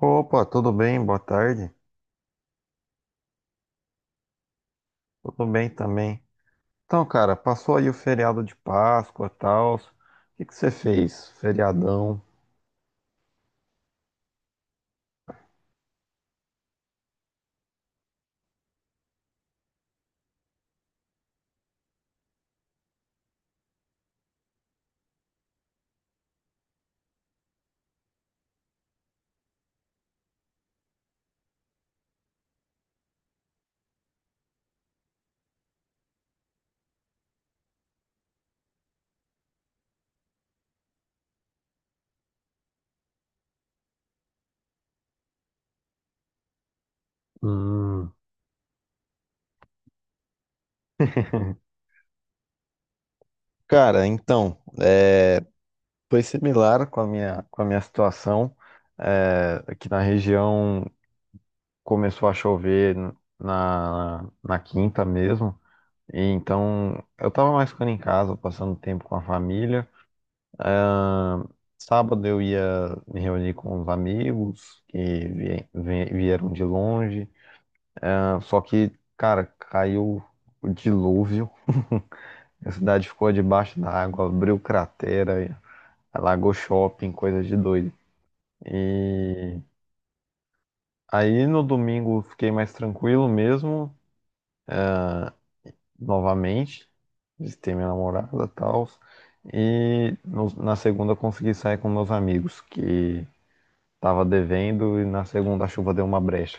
Opa, tudo bem? Boa tarde. Tudo bem também. Então, cara, passou aí o feriado de Páscoa, tal. O que que você fez? Feriadão. Hum. Cara, então, é, foi similar com a minha situação. É, aqui na região começou a chover na quinta mesmo. E então, eu tava mais ficando em casa, passando tempo com a família. Ah, sábado eu ia me reunir com os amigos que vieram de longe. Ah, só que, cara, caiu o dilúvio. A cidade ficou debaixo da água, abriu cratera, alagou shopping, coisa de doido. E aí no domingo fiquei mais tranquilo mesmo, novamente. Visitei minha namorada e tal. E na segunda eu consegui sair com meus amigos, que tava devendo, e na segunda a chuva deu uma brecha.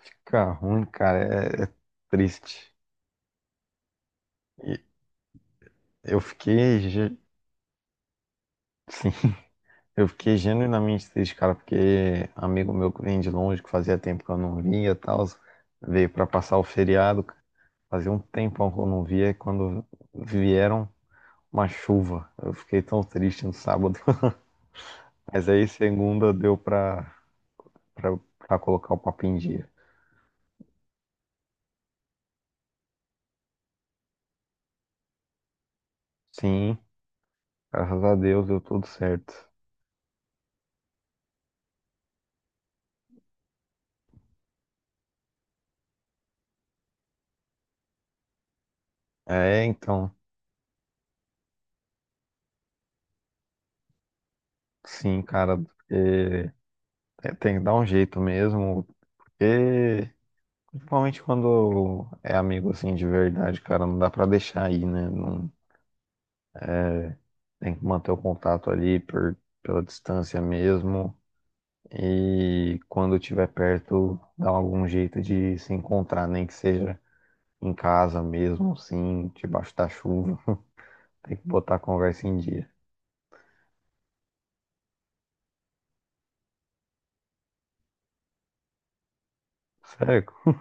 Fica ruim, cara, é triste. E eu fiquei, sim, eu fiquei genuinamente triste, cara, porque amigo meu que vem de longe, que fazia tempo que eu não via e tal, veio pra passar o feriado. Fazia um tempão que eu não via e quando vieram uma chuva, eu fiquei tão triste no sábado. Mas aí segunda deu pra colocar o papo em dia. Sim, graças a Deus deu tudo certo. É, então. Sim, cara, porque tem que dar um jeito mesmo, porque principalmente quando é amigo assim de verdade, cara, não dá pra deixar aí, né? Não, tem que manter o contato ali pela distância mesmo. E quando tiver perto, dá algum jeito de se encontrar, nem que seja em casa mesmo, assim, debaixo da chuva. Tem que botar a conversa em dia. Certo?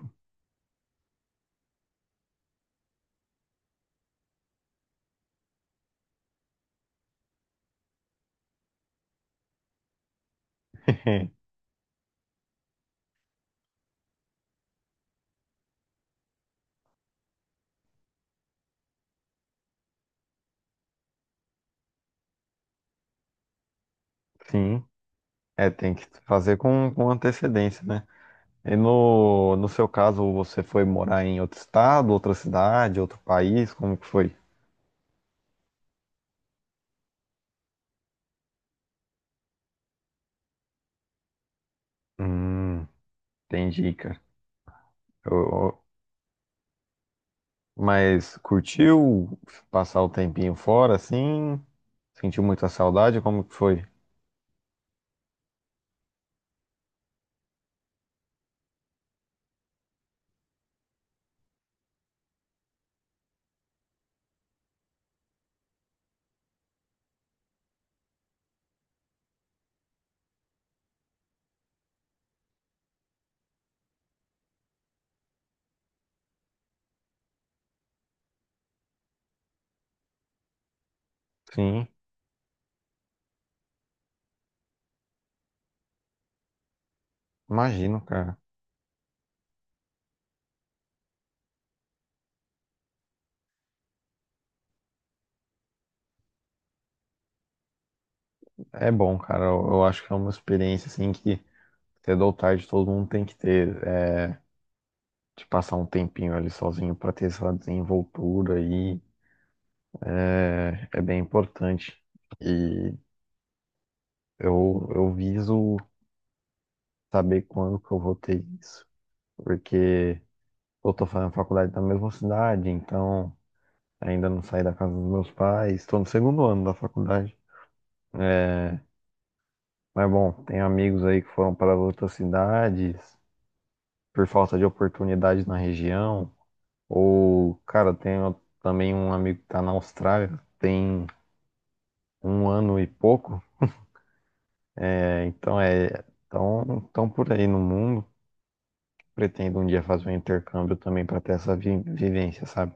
Sim, tem que fazer com antecedência, né? E no seu caso, você foi morar em outro estado, outra cidade, outro país? Como que foi? Hum, entendi, cara. Eu- mas curtiu passar o tempinho fora, assim? Sentiu muita saudade? Como que foi? Sim, imagino, cara. É bom, cara. Eu acho que é uma experiência, assim, que cedo ou tarde todo mundo tem que ter. É, de passar um tempinho ali sozinho pra ter essa desenvoltura aí é bem importante. E eu viso saber quando que eu vou ter isso, porque eu tô fazendo faculdade na mesma cidade, então ainda não saí da casa dos meus pais, estou no segundo ano da faculdade. Mas bom, tem amigos aí que foram para outras cidades por falta de oportunidade na região, ou, cara, tenho também um amigo que tá na Austrália, tem um ano e pouco, é, então é, tão, tão por aí no mundo. Pretendo um dia fazer um intercâmbio também para ter essa vivência, sabe?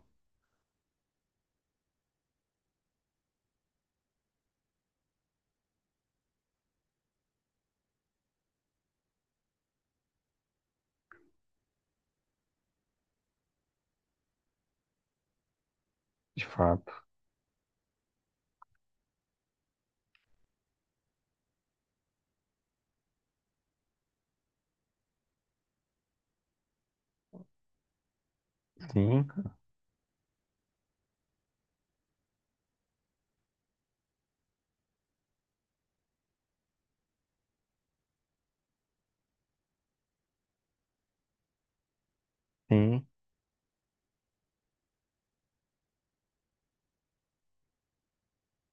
De fato. Sim, sim.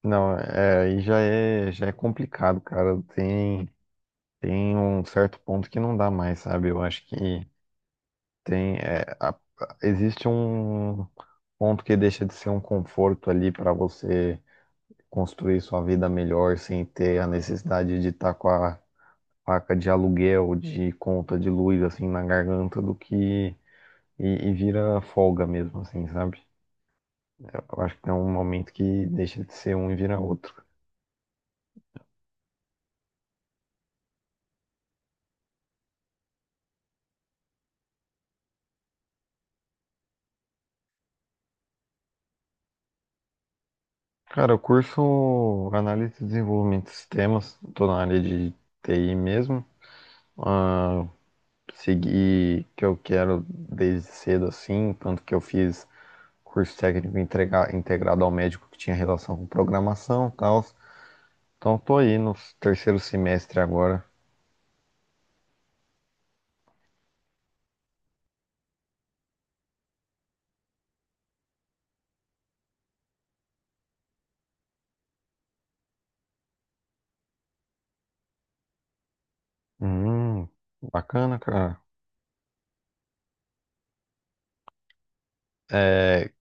Não, aí já é complicado, cara. Tem um certo ponto que não dá mais, sabe? Eu acho que tem, é, a- existe um ponto que deixa de ser um conforto ali para você construir sua vida melhor sem ter a necessidade de estar com a faca de aluguel, de conta de luz, assim, na garganta do que. E vira folga mesmo, assim, sabe? Eu acho que tem um momento que deixa de ser um e vira outro. Cara, eu curso análise e desenvolvimento de sistemas, tô na área de TI mesmo. Ah, segui o que eu quero desde cedo assim, tanto que eu fiz curso técnico integrado ao médico que tinha relação com programação e tal. Então tô aí no terceiro semestre agora. Hum, bacana, cara. É,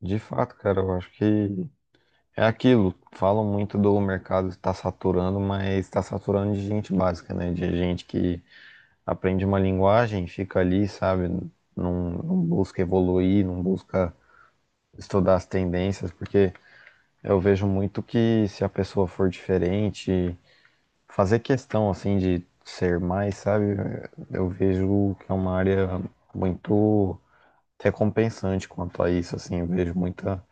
de fato, cara, eu acho que é aquilo. Falam muito do mercado estar saturando, mas está saturando de gente básica, né? De gente que aprende uma linguagem, fica ali, sabe? Não busca evoluir, não busca estudar as tendências, porque eu vejo muito que se a pessoa for diferente, fazer questão assim de ser mais, sabe? Eu vejo que é uma área muito recompensante quanto a isso, assim. Eu vejo muita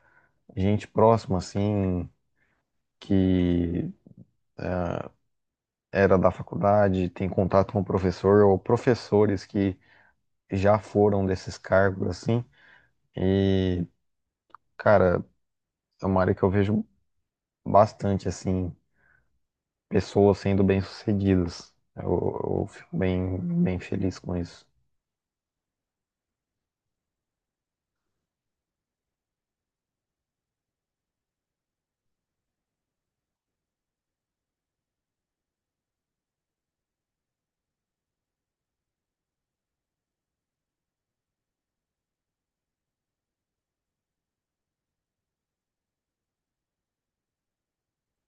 gente próxima, assim, que era da faculdade, tem contato com o professor, ou professores que já foram desses cargos, assim, e Cara, é uma área que eu vejo bastante, assim, pessoas sendo bem-sucedidas. Eu fico bem feliz com isso,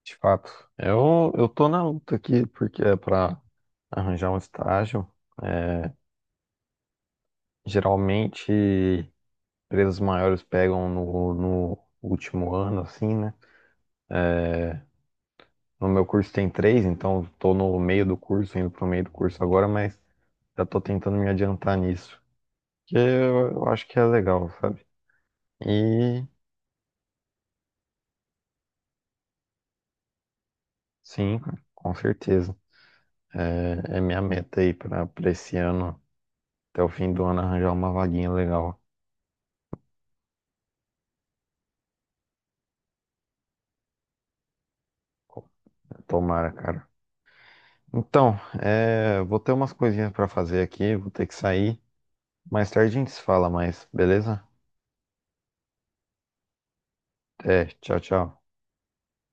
de fato. Eu tô na luta aqui porque é para arranjar um estágio. É, geralmente, empresas maiores pegam no último ano, assim, né? No meu curso tem três, então tô no meio do curso, indo pro meio do curso agora, mas já tô tentando me adiantar nisso. Que eu acho que é legal, sabe? E. Sim, cara, com certeza. É, é minha meta aí pra esse ano, até o fim do ano, arranjar uma vaguinha legal. Tomara, cara. Então, é, vou ter umas coisinhas pra fazer aqui, vou ter que sair. Mais tarde a gente se fala mais, beleza? Até, tchau, tchau.